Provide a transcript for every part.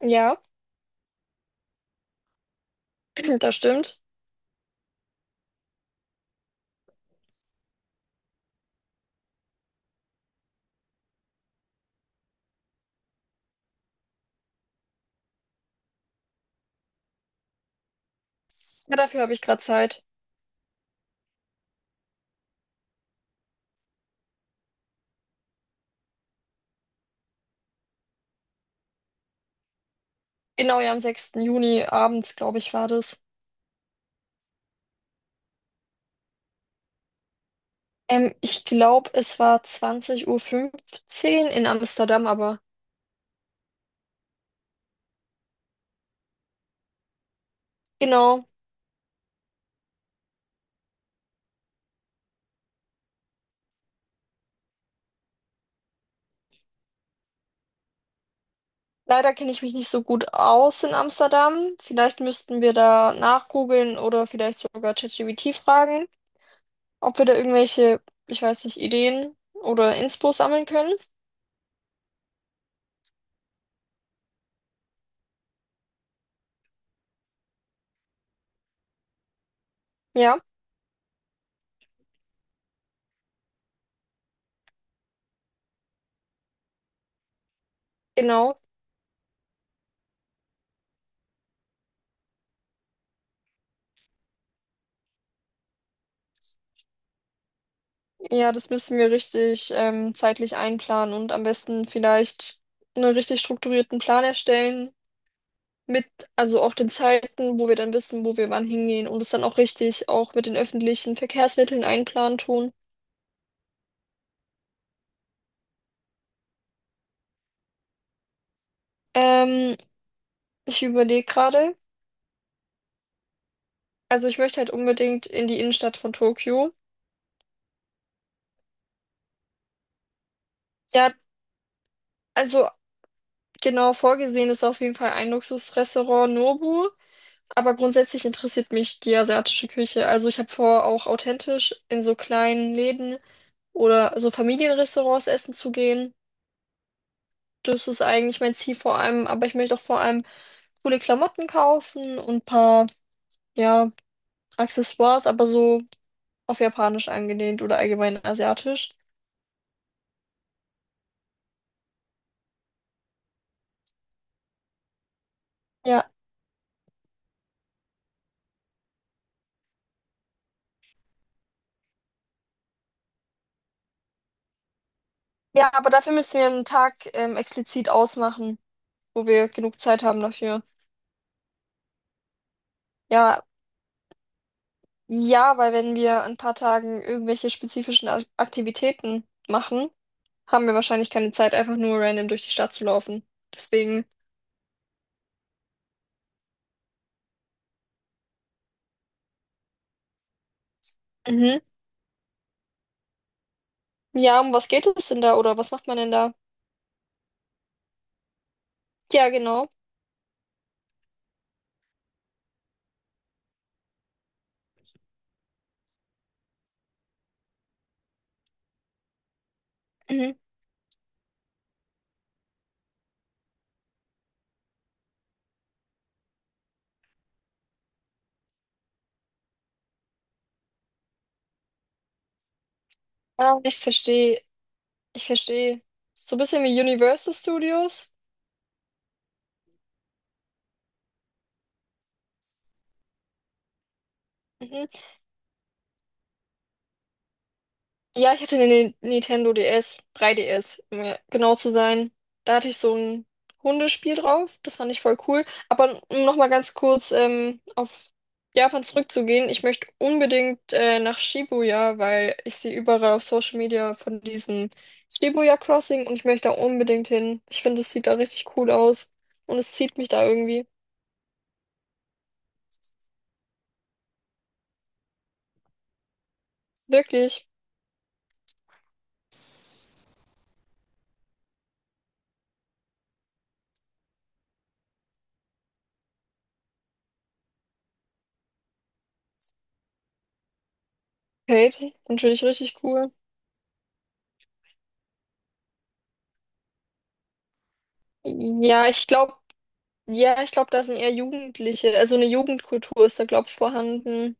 Ja, das stimmt. Ja, dafür habe ich gerade Zeit. Genau, ja, am sechsten Juni abends, glaube ich, war das. Ich glaube, es war zwanzig Uhr fünfzehn in Amsterdam, aber genau. Leider kenne ich mich nicht so gut aus in Amsterdam. Vielleicht müssten wir da nachgoogeln oder vielleicht sogar ChatGPT fragen, ob wir da irgendwelche, ich weiß nicht, Ideen oder Inspo sammeln können. Ja, genau. Ja, das müssen wir richtig zeitlich einplanen und am besten vielleicht einen richtig strukturierten Plan erstellen mit, also auch den Zeiten, wo wir dann wissen, wo wir wann hingehen und es dann auch richtig auch mit den öffentlichen Verkehrsmitteln einplanen tun. Ähm, Ich überlege gerade, also ich möchte halt unbedingt in die Innenstadt von Tokio. Ja, also genau vorgesehen ist auf jeden Fall ein Luxusrestaurant Nobu. Aber grundsätzlich interessiert mich die asiatische Küche. Also ich habe vor, auch authentisch in so kleinen Läden oder so Familienrestaurants essen zu gehen. Das ist eigentlich mein Ziel vor allem. Aber ich möchte auch vor allem coole Klamotten kaufen und ein paar, ja, Accessoires, aber so auf Japanisch angelehnt oder allgemein asiatisch. Ja. Ja, aber dafür müssen wir einen Tag explizit ausmachen, wo wir genug Zeit haben dafür. Ja, ja, weil wenn wir in ein paar Tagen irgendwelche spezifischen Aktivitäten machen, haben wir wahrscheinlich keine Zeit, einfach nur random durch die Stadt zu laufen. Deswegen, mhm. Ja, um was geht es denn da oder was macht man denn da? Ja, genau. Mhm. Ah, ich verstehe, ich verstehe. So ein bisschen wie Universal Studios. Mhm. Ja, ich hatte eine Nintendo DS, 3DS, um ja genau zu sein. Da hatte ich so ein Hundespiel drauf. Das fand ich voll cool. Aber um nochmal ganz kurz auf Japan zurückzugehen, ich möchte unbedingt nach Shibuya, weil ich sehe überall auf Social Media von diesem Shibuya Crossing und ich möchte da unbedingt hin. Ich finde, es sieht da richtig cool aus und es zieht mich da irgendwie. Wirklich. Kate, natürlich richtig cool. Ja, ich glaube. Ja, ich glaube, da sind eher Jugendliche, also eine Jugendkultur ist da, glaube ich, vorhanden,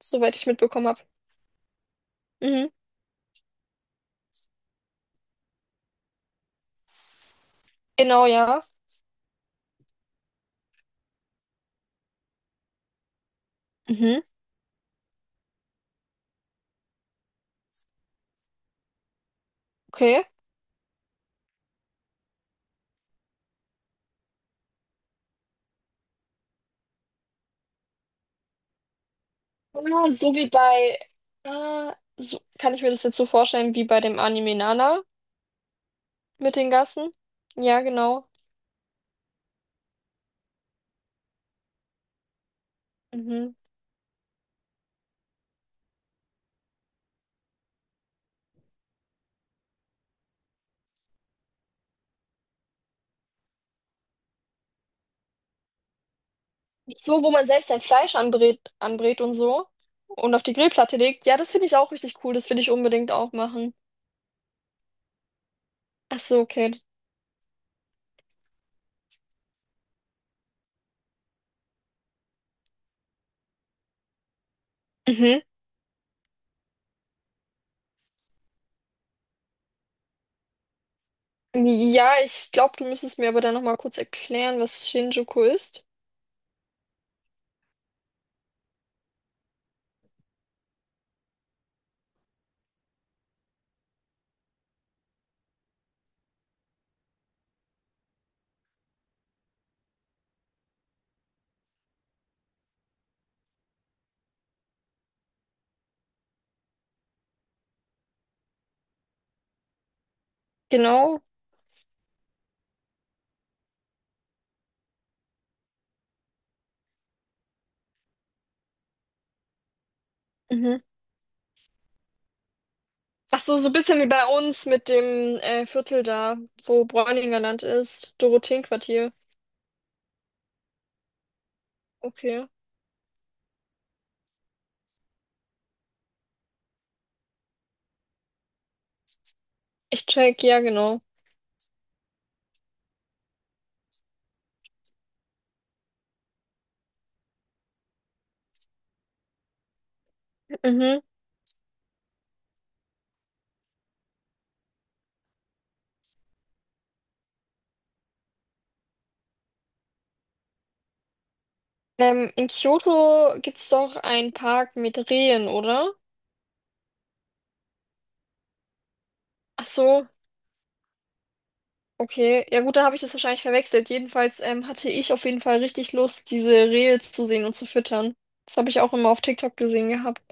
soweit ich mitbekommen habe. Mhm. Genau, ja. Mhm. Okay. Ah, so wie bei, ah, so, kann ich mir das jetzt so vorstellen, wie bei dem Anime Nana mit den Gassen? Ja, genau. Mhm. So, wo man selbst sein Fleisch anbrät, anbrät und so und auf die Grillplatte legt. Ja, das finde ich auch richtig cool, das will ich unbedingt auch machen. Ach so, okay. Mhm. Ja, ich glaube, du müsstest mir aber dann nochmal kurz erklären, was Shinjuku ist. Genau. Mhm. Ach so, so ein bisschen wie bei uns mit dem Viertel da, wo Bräuninger Land ist. Dorotheenquartier. Okay. Ich check, ja, genau. Mhm. In Kyoto gibt's doch einen Park mit Rehen, oder? Ach so, okay. Ja gut, da habe ich das wahrscheinlich verwechselt. Jedenfalls hatte ich auf jeden Fall richtig Lust, diese Rehe zu sehen und zu füttern. Das habe ich auch immer auf TikTok gesehen gehabt.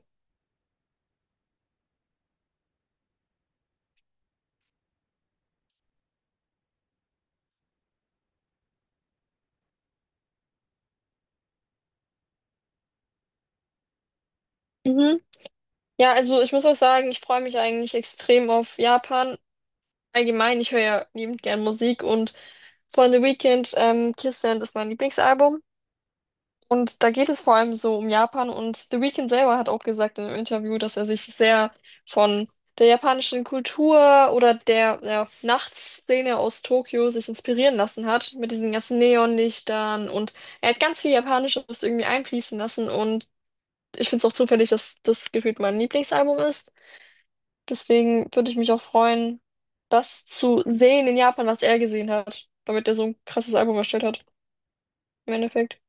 Mhm. Ja, also ich muss auch sagen, ich freue mich eigentlich extrem auf Japan. Allgemein, ich höre ja liebend gern Musik und von The Weeknd, Kissland ist mein Lieblingsalbum. Und da geht es vor allem so um Japan und The Weeknd selber hat auch gesagt in einem Interview, dass er sich sehr von der japanischen Kultur oder der, ja, Nachtszene aus Tokio sich inspirieren lassen hat, mit diesen ganzen Neonlichtern und er hat ganz viel Japanisches irgendwie einfließen lassen und ich finde es auch zufällig, dass das gefühlt mein Lieblingsalbum ist. Deswegen würde ich mich auch freuen, das zu sehen in Japan, was er gesehen hat, damit er so ein krasses Album erstellt hat, im Endeffekt.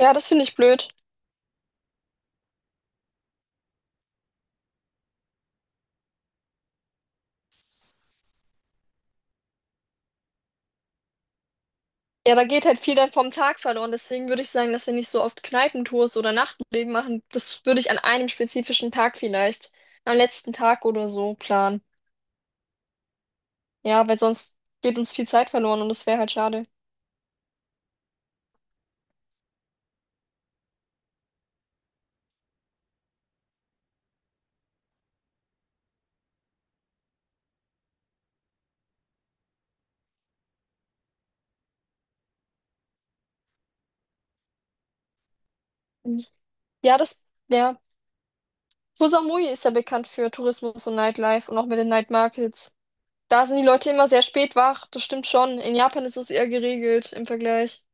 Ja, das finde ich blöd. Ja, da geht halt viel dann vom Tag verloren. Deswegen würde ich sagen, dass wir nicht so oft Kneipentours oder Nachtleben machen. Das würde ich an einem spezifischen Tag vielleicht, am letzten Tag oder so planen. Ja, weil sonst geht uns viel Zeit verloren und das wäre halt schade. Ja, das, ja. Susamui ist ja bekannt für Tourismus und Nightlife und auch mit den Night Markets. Da sind die Leute immer sehr spät wach, das stimmt schon. In Japan ist es eher geregelt im Vergleich.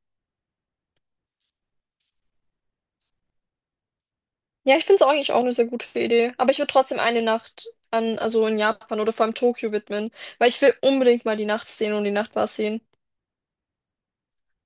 Ja, ich finde es eigentlich auch eine sehr gute Idee. Aber ich würde trotzdem eine Nacht an, also in Japan oder vor allem Tokio widmen, weil ich will unbedingt mal die Nachtszene und die Nachtbars sehen.